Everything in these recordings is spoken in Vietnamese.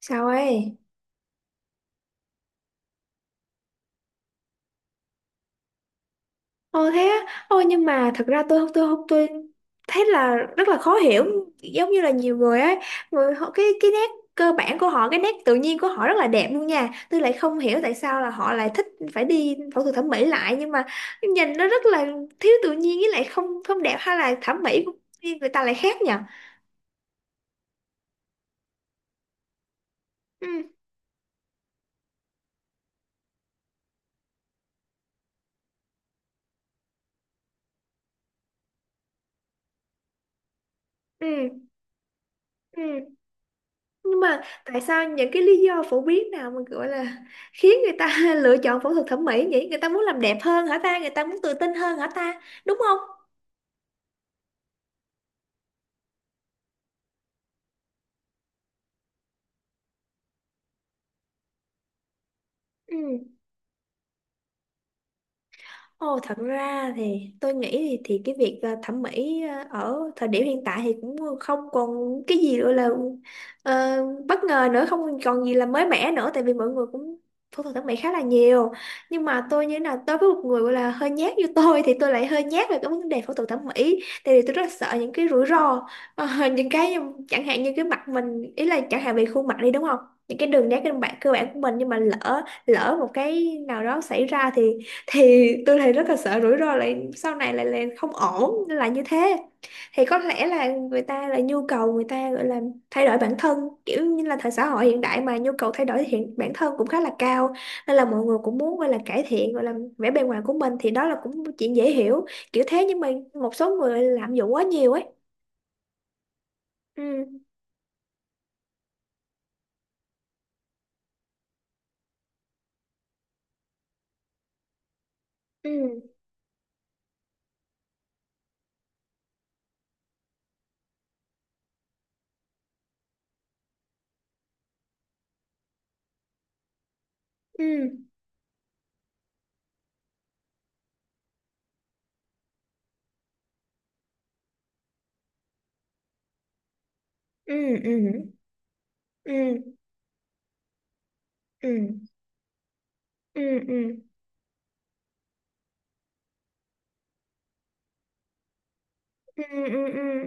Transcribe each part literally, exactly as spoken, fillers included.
Sao ấy? Ồ thế á, ồ nhưng mà thật ra tôi tôi không tôi thấy là rất là khó hiểu. Giống như là nhiều người ấy, người họ, cái cái nét cơ bản của họ, cái nét tự nhiên của họ rất là đẹp luôn nha. Tôi lại không hiểu tại sao là họ lại thích phải đi phẫu thuật thẩm mỹ lại, nhưng mà nhìn nó rất là thiếu tự nhiên, với lại không không đẹp. Hay là thẩm mỹ của người ta lại khác nhỉ? Ừ, ừ, ừ, nhưng mà tại sao, những cái lý do phổ biến nào mà gọi là khiến người ta lựa chọn phẫu thuật thẩm mỹ vậy? Người ta muốn làm đẹp hơn hả ta? Người ta muốn tự tin hơn hả ta, đúng không? Ừ. Ồ, thật ra thì tôi nghĩ thì, thì cái việc ờ, thẩm mỹ ờ, ở thời điểm hiện tại thì cũng không còn cái gì gọi là ờ, bất ngờ nữa, không còn gì là mới mẻ nữa, tại vì mọi người cũng phẫu thuật thẩm mỹ khá là nhiều. Nhưng mà tôi như thế nào, tôi với một người gọi là hơi nhát như tôi thì tôi lại hơi nhát về cái vấn đề phẫu thuật thẩm mỹ, tại vì tôi rất là sợ những cái rủi ro. Ờ, những cái, chẳng hạn như cái mặt mình, ý là chẳng hạn về khuôn mặt đi, đúng không? Những cái đường nét cơ bản cơ bản của mình, nhưng mà lỡ lỡ một cái nào đó xảy ra thì thì tôi thấy rất là sợ rủi ro, lại sau này lại là không ổn, là như thế. Thì có lẽ là người ta, là nhu cầu người ta gọi là thay đổi bản thân, kiểu như là thời xã hội hiện đại mà nhu cầu thay đổi hiện bản thân cũng khá là cao, nên là mọi người cũng muốn gọi là cải thiện gọi là vẻ bề ngoài của mình, thì đó là cũng một chuyện dễ hiểu. Kiểu thế nhưng mà một số người lạm dụng quá nhiều ấy. ừ, ừ, ừ, ừ, ừ, ừ, ừ, ừ, ừ, ừ, ừ, ừ, ừ,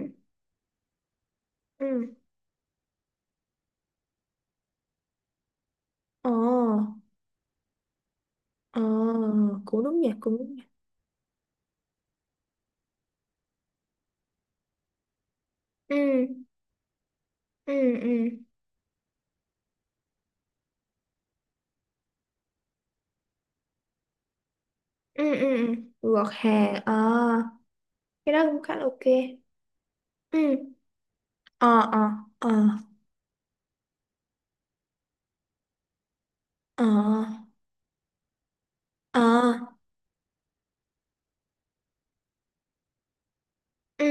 ừ. Ồ. Ờ, cũng đúng nhỉ, cũng đúng nhỉ. Ừ, ừ, ừ, ừ, ừ, ừ. Gọt hà, ờ, cái đó cũng khá là ok. Ừ, ờ, ờ, ờ, ờ, ờ, ừ,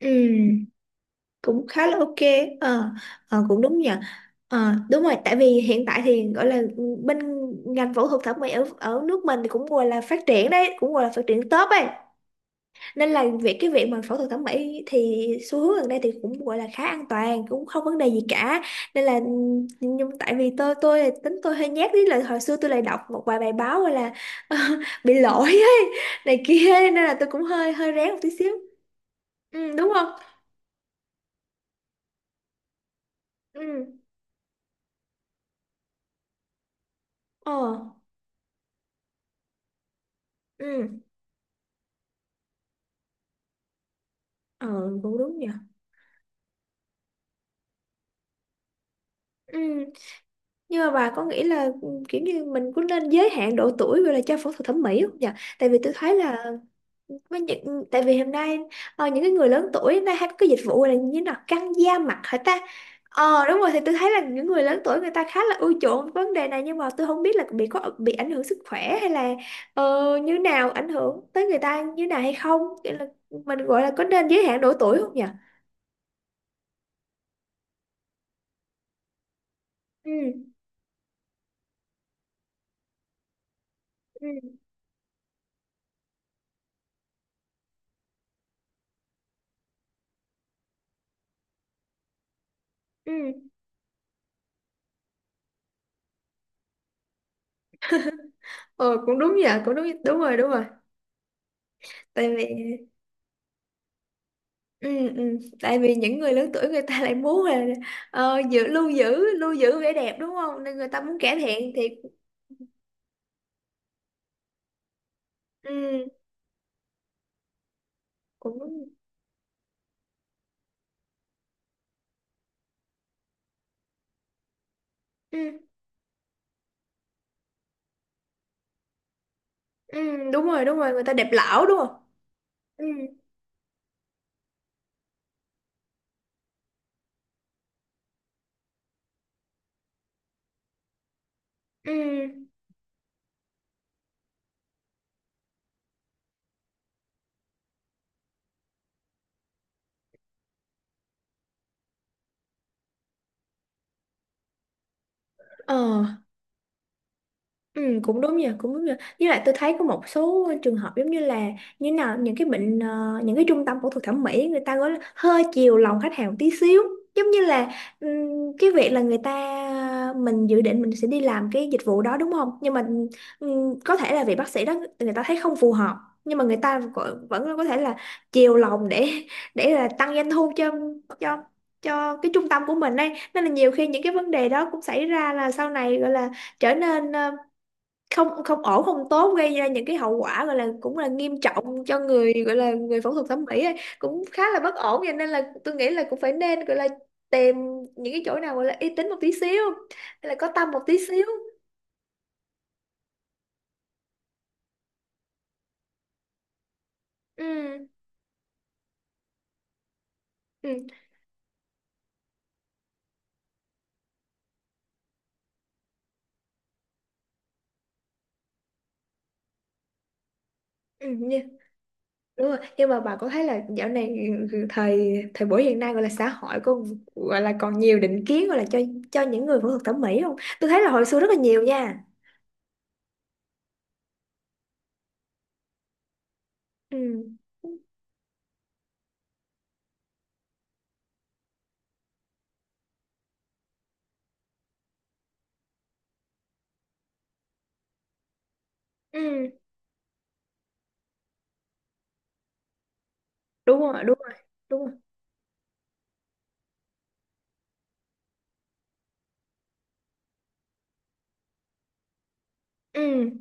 ừ, cũng khá là ok. Ờ, ờ cũng đúng nhỉ. Ờ, đúng rồi, tại vì hiện tại thì gọi là bên ngành phẫu thuật thẩm mỹ ở, ở nước mình thì cũng gọi là phát triển đấy, cũng gọi là phát triển tốt ấy. Nên là việc, cái việc mà phẫu thuật thẩm mỹ thì xu hướng gần đây thì cũng gọi là khá an toàn, cũng không vấn đề gì cả, nên là, nhưng nhưng tại vì tôi tôi là tính tôi hơi nhát, với là hồi xưa tôi lại đọc một vài bài báo gọi là bị lỗi ấy, này kia, nên là tôi cũng hơi hơi rén một tí xíu. Ừ, đúng không? Ừ. Ờ. Ừ. Ờ cũng đúng nhỉ. Ừ, nhưng mà bà có nghĩ là kiểu như mình cũng nên giới hạn độ tuổi gọi là cho phẫu thuật thẩm mỹ không nhỉ? Tại vì tôi thấy là, với những, tại vì hôm nay, ờ, những cái người lớn tuổi hôm nay hay có cái dịch vụ gọi là như thế nào, căng da mặt hả ta? Ờ đúng rồi, thì tôi thấy là những người lớn tuổi người ta khá là ưa chuộng vấn đề này, nhưng mà tôi không biết là bị có bị ảnh hưởng sức khỏe hay là, ờ, như nào, ảnh hưởng tới người ta như nào hay không. Nghĩa là mình gọi là có nên giới hạn độ tuổi không nhỉ? Ừ, ừ, ừ. Ờ cũng đúng nhỉ, cũng đúng, đúng rồi, đúng rồi. Tại vì, ừ, ừ. Tại vì những người lớn tuổi người ta lại muốn là, ờ, giữ lưu giữ lưu giữ vẻ đẹp, đúng không, nên người ta muốn cải thiện thì, ừ, cũng, ừ, ừ, đúng rồi, đúng rồi, người ta đẹp lão đúng không. Ừ, ừ. Ờ. Ừ, cũng đúng nhỉ, cũng đúng nhỉ. Với lại tôi thấy có một số trường hợp giống như là, như nào, những cái bệnh, ờ, những cái trung tâm phẫu thuật thẩm mỹ người ta gọi là hơi chiều lòng khách hàng một tí xíu. Giống như là, ừm, cái việc là người ta, mình dự định mình sẽ đi làm cái dịch vụ đó đúng không? Nhưng mà, ừm, có thể là vị bác sĩ đó người ta thấy không phù hợp, nhưng mà người ta vẫn vẫn có thể là chiều lòng để để là tăng doanh thu cho cho cho cái trung tâm của mình ấy. Nên là nhiều khi những cái vấn đề đó cũng xảy ra, là sau này gọi là trở nên không không ổn, không tốt, gây ra những cái hậu quả gọi là cũng là nghiêm trọng cho người, gọi là người phẫu thuật thẩm mỹ ấy. Cũng khá là bất ổn, vậy nên là tôi nghĩ là cũng phải nên gọi là tìm những cái chỗ nào gọi là uy tín một tí xíu hay là có tâm một tí xíu. Ừ, ừ, ừ nha. Đúng rồi, nhưng mà bà có thấy là dạo này thời thời buổi hiện nay gọi là xã hội có gọi là còn nhiều định kiến gọi là cho cho những người phẫu thuật thẩm mỹ không? Tôi thấy là hồi xưa rất là nhiều nha. Ừ, ừ, đúng rồi, đúng rồi, đúng rồi. Ừ.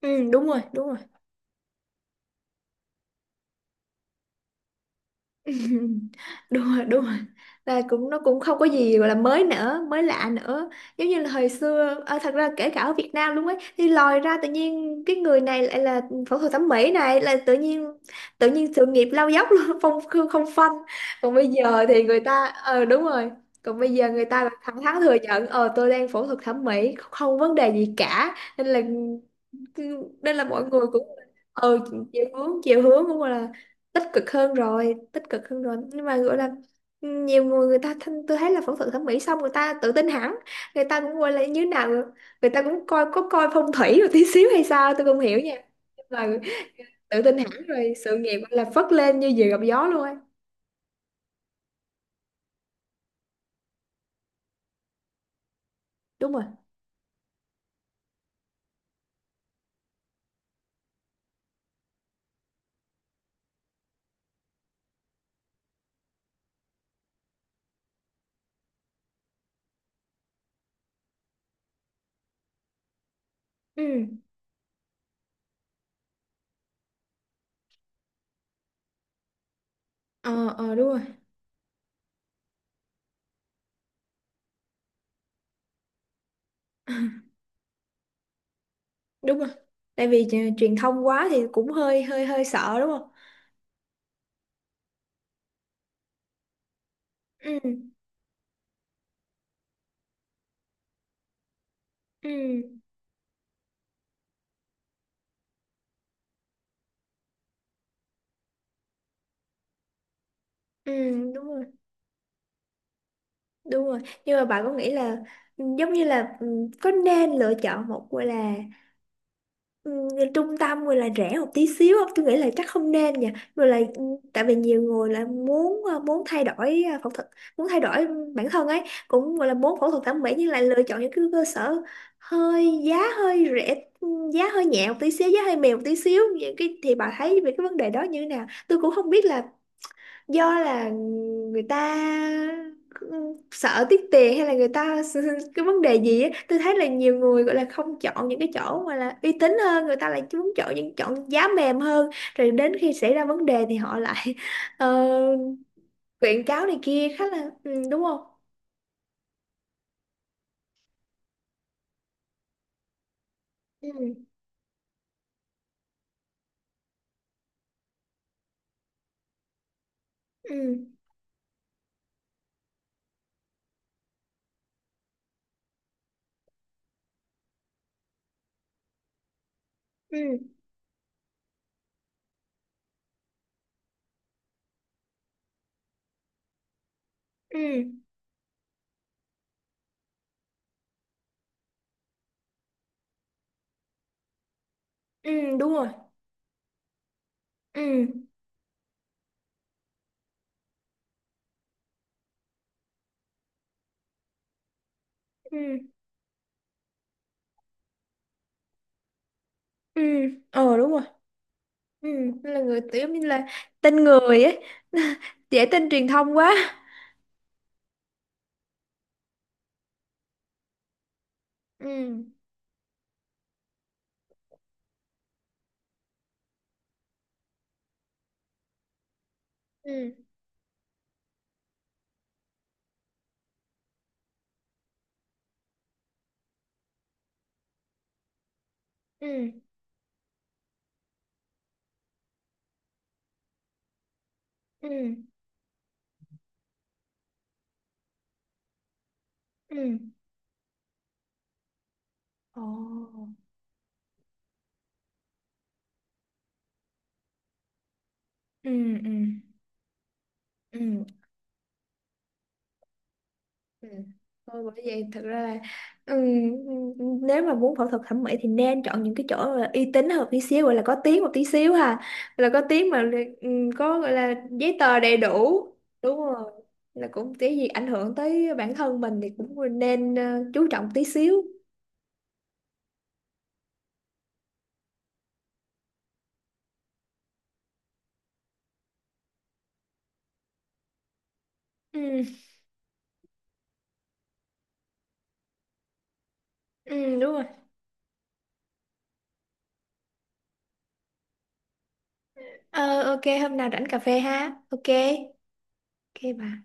Ừ, đúng rồi, đúng rồi. Đúng rồi, đúng rồi. Là cũng, nó cũng không có gì gọi là mới nữa, mới lạ nữa. Giống như là hồi xưa, à, thật ra kể cả ở Việt Nam luôn ấy, thì lòi ra tự nhiên cái người này lại là phẫu thuật thẩm mỹ này, là tự nhiên tự nhiên sự nghiệp lao dốc luôn, không không không phanh. Còn bây giờ thì người ta, ờ đúng rồi. Còn bây giờ người ta là thẳng thắn thừa nhận, ờ tôi đang phẫu thuật thẩm mỹ, không vấn đề gì cả, nên là, Cứ- nên là mọi người cũng, ờ, chiều hướng, chiều hướng cũng gọi là tích cực hơn rồi, tích cực hơn rồi, nhưng mà gọi là, nhiều người, người ta thân, tôi thấy là phẫu thuật thẩm mỹ xong người ta tự tin hẳn, người ta cũng gọi là như nào, người ta cũng coi, có coi phong thủy một tí xíu hay sao tôi không hiểu nha, nhưng mà tự tin hẳn rồi, sự nghiệp gọi là phất lên như diều gặp gió luôn ấy. Đúng rồi. Ừ. Ờ, ờ đúng rồi. Đúng rồi, tại vì truyền thông quá thì cũng hơi hơi hơi sợ, đúng không? Ừ, ừ, ừ, đúng rồi, đúng rồi, nhưng mà bạn có nghĩ là, ừ, giống như là, ừ, có nên lựa chọn một gọi là, ừ, trung tâm gọi là rẻ một tí xíu không? Tôi nghĩ là chắc không nên nha, rồi là, ừ, tại vì nhiều người là muốn, ờ, muốn thay đổi, ờ, phẫu thuật, muốn thay đổi bản thân ấy, cũng gọi là muốn phẫu thuật thẩm mỹ, nhưng lại lựa chọn những cái cơ sở hơi giá hơi rẻ, ừ, giá hơi nhẹ một tí xíu, giá hơi mềm một tí xíu, những cái, thì bà thấy về cái vấn đề đó như thế nào? Tôi cũng không biết là, do là người ta sợ tiếc tiền hay là người ta cái vấn đề gì á? Tôi thấy là nhiều người gọi là không chọn những cái chỗ mà là uy tín hơn, người ta lại muốn chọn những, chọn giá mềm hơn, rồi đến khi xảy ra vấn đề thì họ lại ờ, quyện cáo này kia, khá là, ừ, đúng không? Ừ, ừ, ừ, ừ, ừ, đúng rồi, ừ, ừ, ừ, ờ đúng rồi. Ừ nên là người tiểu như là tin người ấy, dễ tin truyền thông quá. Ừ, ừ, ừ, ừ, ừ. Ồ. Ừ, ừ, ừ, ừ. Thôi, bởi vậy thật ra là, ừ, ừ, nếu mà muốn phẫu thuật thẩm mỹ thì nên chọn những cái chỗ là uy tín hơn một tí xíu, gọi là có tiếng một tí xíu ha, là có tiếng mà. Ừ, có gọi là giấy tờ đầy đủ, đúng rồi, là cũng cái gì ảnh hưởng tới bản thân mình thì cũng nên, ờ, chú trọng tí xíu. Ừ, ừ, đúng rồi. Ờ ok, hôm nào rảnh cà phê ha, ok. Ok, bye.